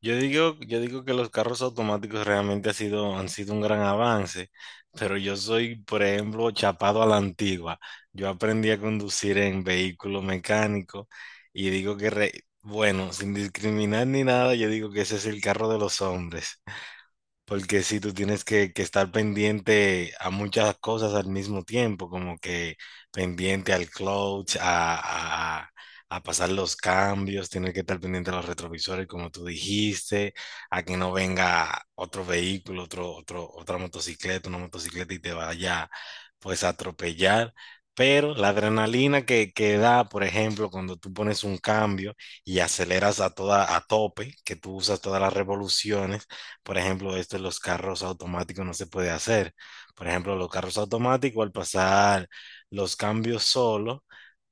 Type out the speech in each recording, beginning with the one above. Yo digo que los carros automáticos realmente han sido un gran avance, pero yo soy, por ejemplo, chapado a la antigua. Yo aprendí a conducir en vehículo mecánico y digo que, bueno, sin discriminar ni nada, yo digo que ese es el carro de los hombres. Porque si tú tienes que estar pendiente a muchas cosas al mismo tiempo, como que pendiente al clutch, a pasar los cambios, tienes que estar pendiente a los retrovisores, como tú dijiste, a que no venga otro vehículo, otra motocicleta, una motocicleta y te vaya pues a atropellar. Pero la adrenalina que da, por ejemplo, cuando tú pones un cambio y aceleras a a tope, que tú usas todas las revoluciones, por ejemplo, esto en los carros automáticos no se puede hacer. Por ejemplo, los carros automáticos al pasar los cambios solo,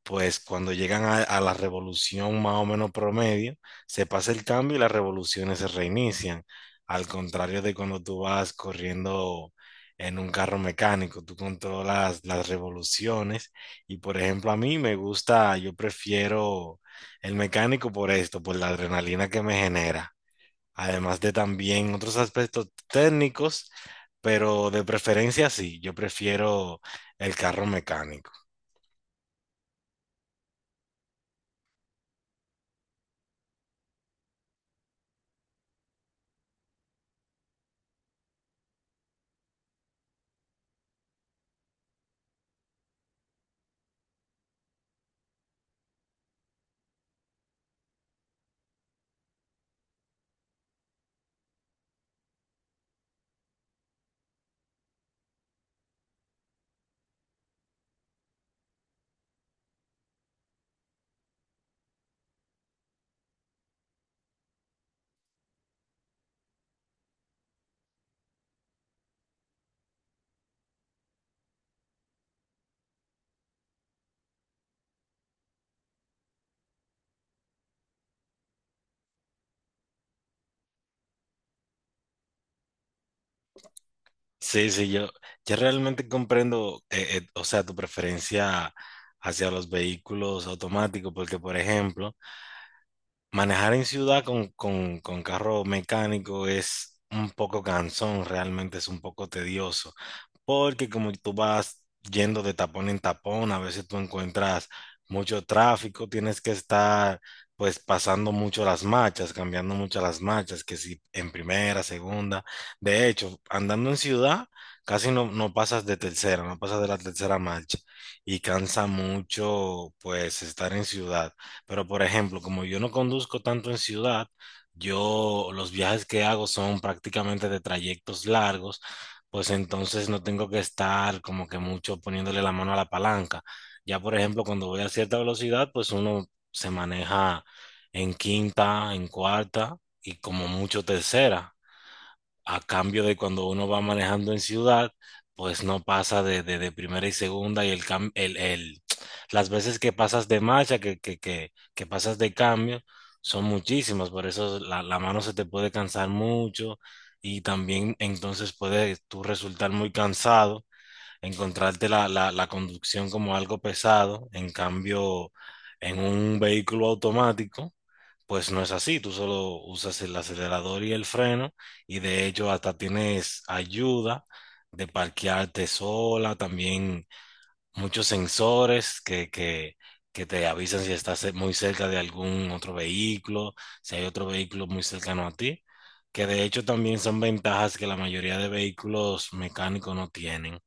pues cuando llegan a la revolución más o menos promedio, se pasa el cambio y las revoluciones se reinician. Al contrario de cuando tú vas corriendo en un carro mecánico, tú controlas las revoluciones y, por ejemplo, a mí me gusta, yo prefiero el mecánico por esto, por la adrenalina que me genera, además de también otros aspectos técnicos, pero de preferencia sí, yo prefiero el carro mecánico. Sí, sí, yo realmente comprendo, o sea, tu preferencia hacia los vehículos automáticos, porque, por ejemplo, manejar en ciudad con carro mecánico es un poco cansón, realmente es un poco tedioso, porque como tú vas yendo de tapón en tapón, a veces tú encuentras mucho tráfico, tienes que estar pues pasando mucho las marchas, cambiando mucho las marchas, que si en primera, segunda, de hecho, andando en ciudad casi no pasas de tercera, no pasas de la tercera marcha y cansa mucho pues estar en ciudad. Pero, por ejemplo, como yo no conduzco tanto en ciudad, yo los viajes que hago son prácticamente de trayectos largos, pues entonces no tengo que estar como que mucho poniéndole la mano a la palanca. Ya, por ejemplo, cuando voy a cierta velocidad, pues uno se maneja en quinta, en cuarta y como mucho tercera, a cambio de cuando uno va manejando en ciudad, pues no pasa de primera y segunda y el, cam- el- las veces que pasas de marcha, que pasas de cambio, son muchísimas, por eso la mano se te puede cansar mucho y también entonces puedes tú resultar muy cansado, encontrarte la conducción como algo pesado, en cambio, en un vehículo automático, pues no es así, tú solo usas el acelerador y el freno y de hecho hasta tienes ayuda de parquearte sola, también muchos sensores que te avisan si estás muy cerca de algún otro vehículo, si hay otro vehículo muy cercano a ti, que de hecho también son ventajas que la mayoría de vehículos mecánicos no tienen.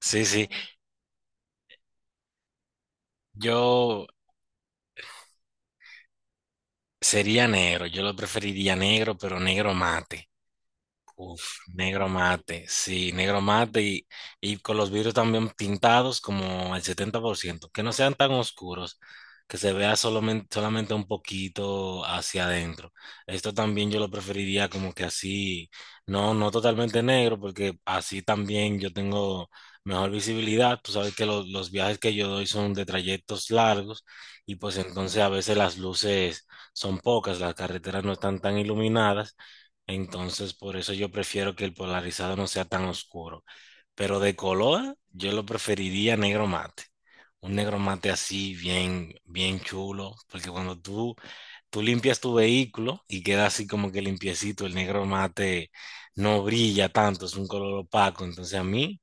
Sí, sí. Yo sería negro, yo lo preferiría negro, pero negro mate. Uf, negro mate, sí, negro mate y con los vidrios también pintados como al 70%, que no sean tan oscuros, que se vea solamente, solamente un poquito hacia adentro. Esto también yo lo preferiría como que así, no totalmente negro, porque así también yo tengo mejor visibilidad. Tú sabes que los viajes que yo doy son de trayectos largos y pues entonces a veces las luces son pocas, las carreteras no están tan iluminadas. Entonces, por eso yo prefiero que el polarizado no sea tan oscuro. Pero de color, yo lo preferiría negro mate. Un negro mate así, bien, bien chulo. Porque cuando tú limpias tu vehículo y queda así como que limpiecito, el negro mate no brilla tanto, es un color opaco. Entonces, a mí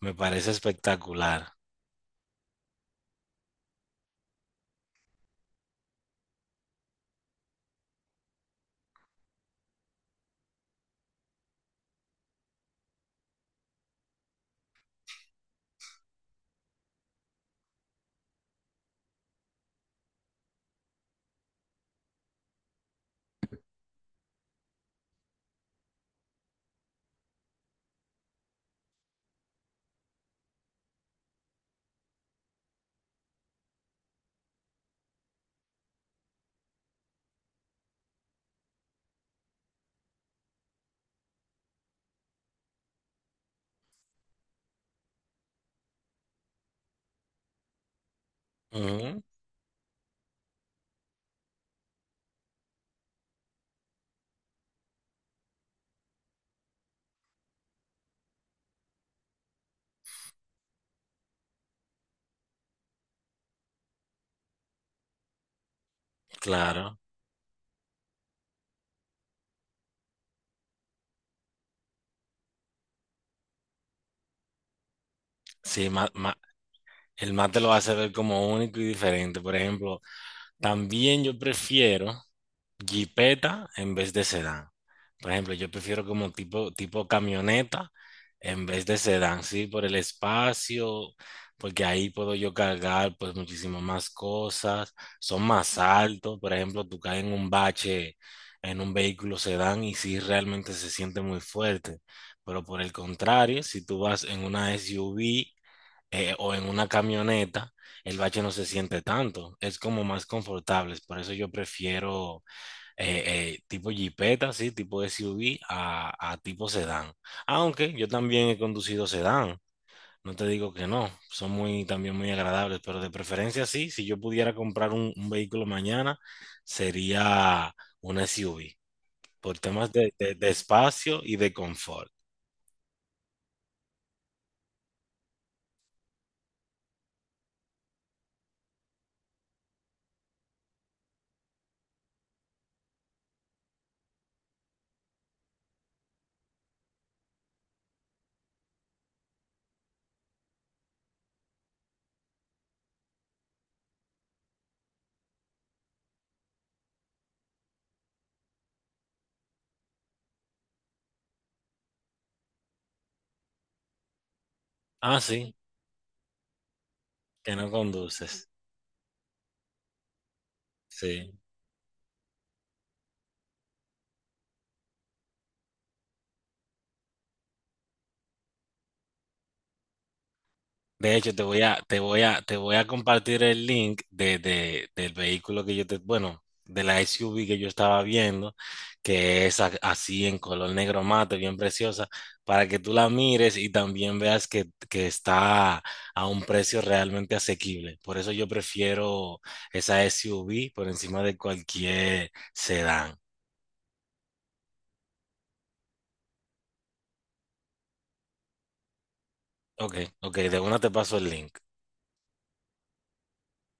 me parece espectacular. Ujú, claro. Sí, el mate lo hace ver como único y diferente. Por ejemplo, también yo prefiero jeepeta en vez de sedán. Por ejemplo, yo prefiero como tipo camioneta en vez de sedán, sí, por el espacio, porque ahí puedo yo cargar pues muchísimas más cosas, son más altos, por ejemplo, tú caes en un bache en un vehículo sedán y sí realmente se siente muy fuerte, pero por el contrario, si tú vas en una SUV, o en una camioneta, el bache no se siente tanto, es como más confortable, por eso yo prefiero tipo jipeta, sí, tipo SUV a tipo sedán. Aunque yo también he conducido sedán, no te digo que no, son muy, también muy agradables, pero de preferencia sí, si yo pudiera comprar un vehículo mañana, sería una SUV, por temas de espacio y de confort. Ah, sí, que no conduces, sí. De hecho, te voy a compartir el link del vehículo que yo te, bueno, de la SUV que yo estaba viendo, que es así en color negro mate, bien preciosa, para que tú la mires y también veas que está a un precio realmente asequible. Por eso yo prefiero esa SUV por encima de cualquier sedán. Ok, ok, de una te paso el link.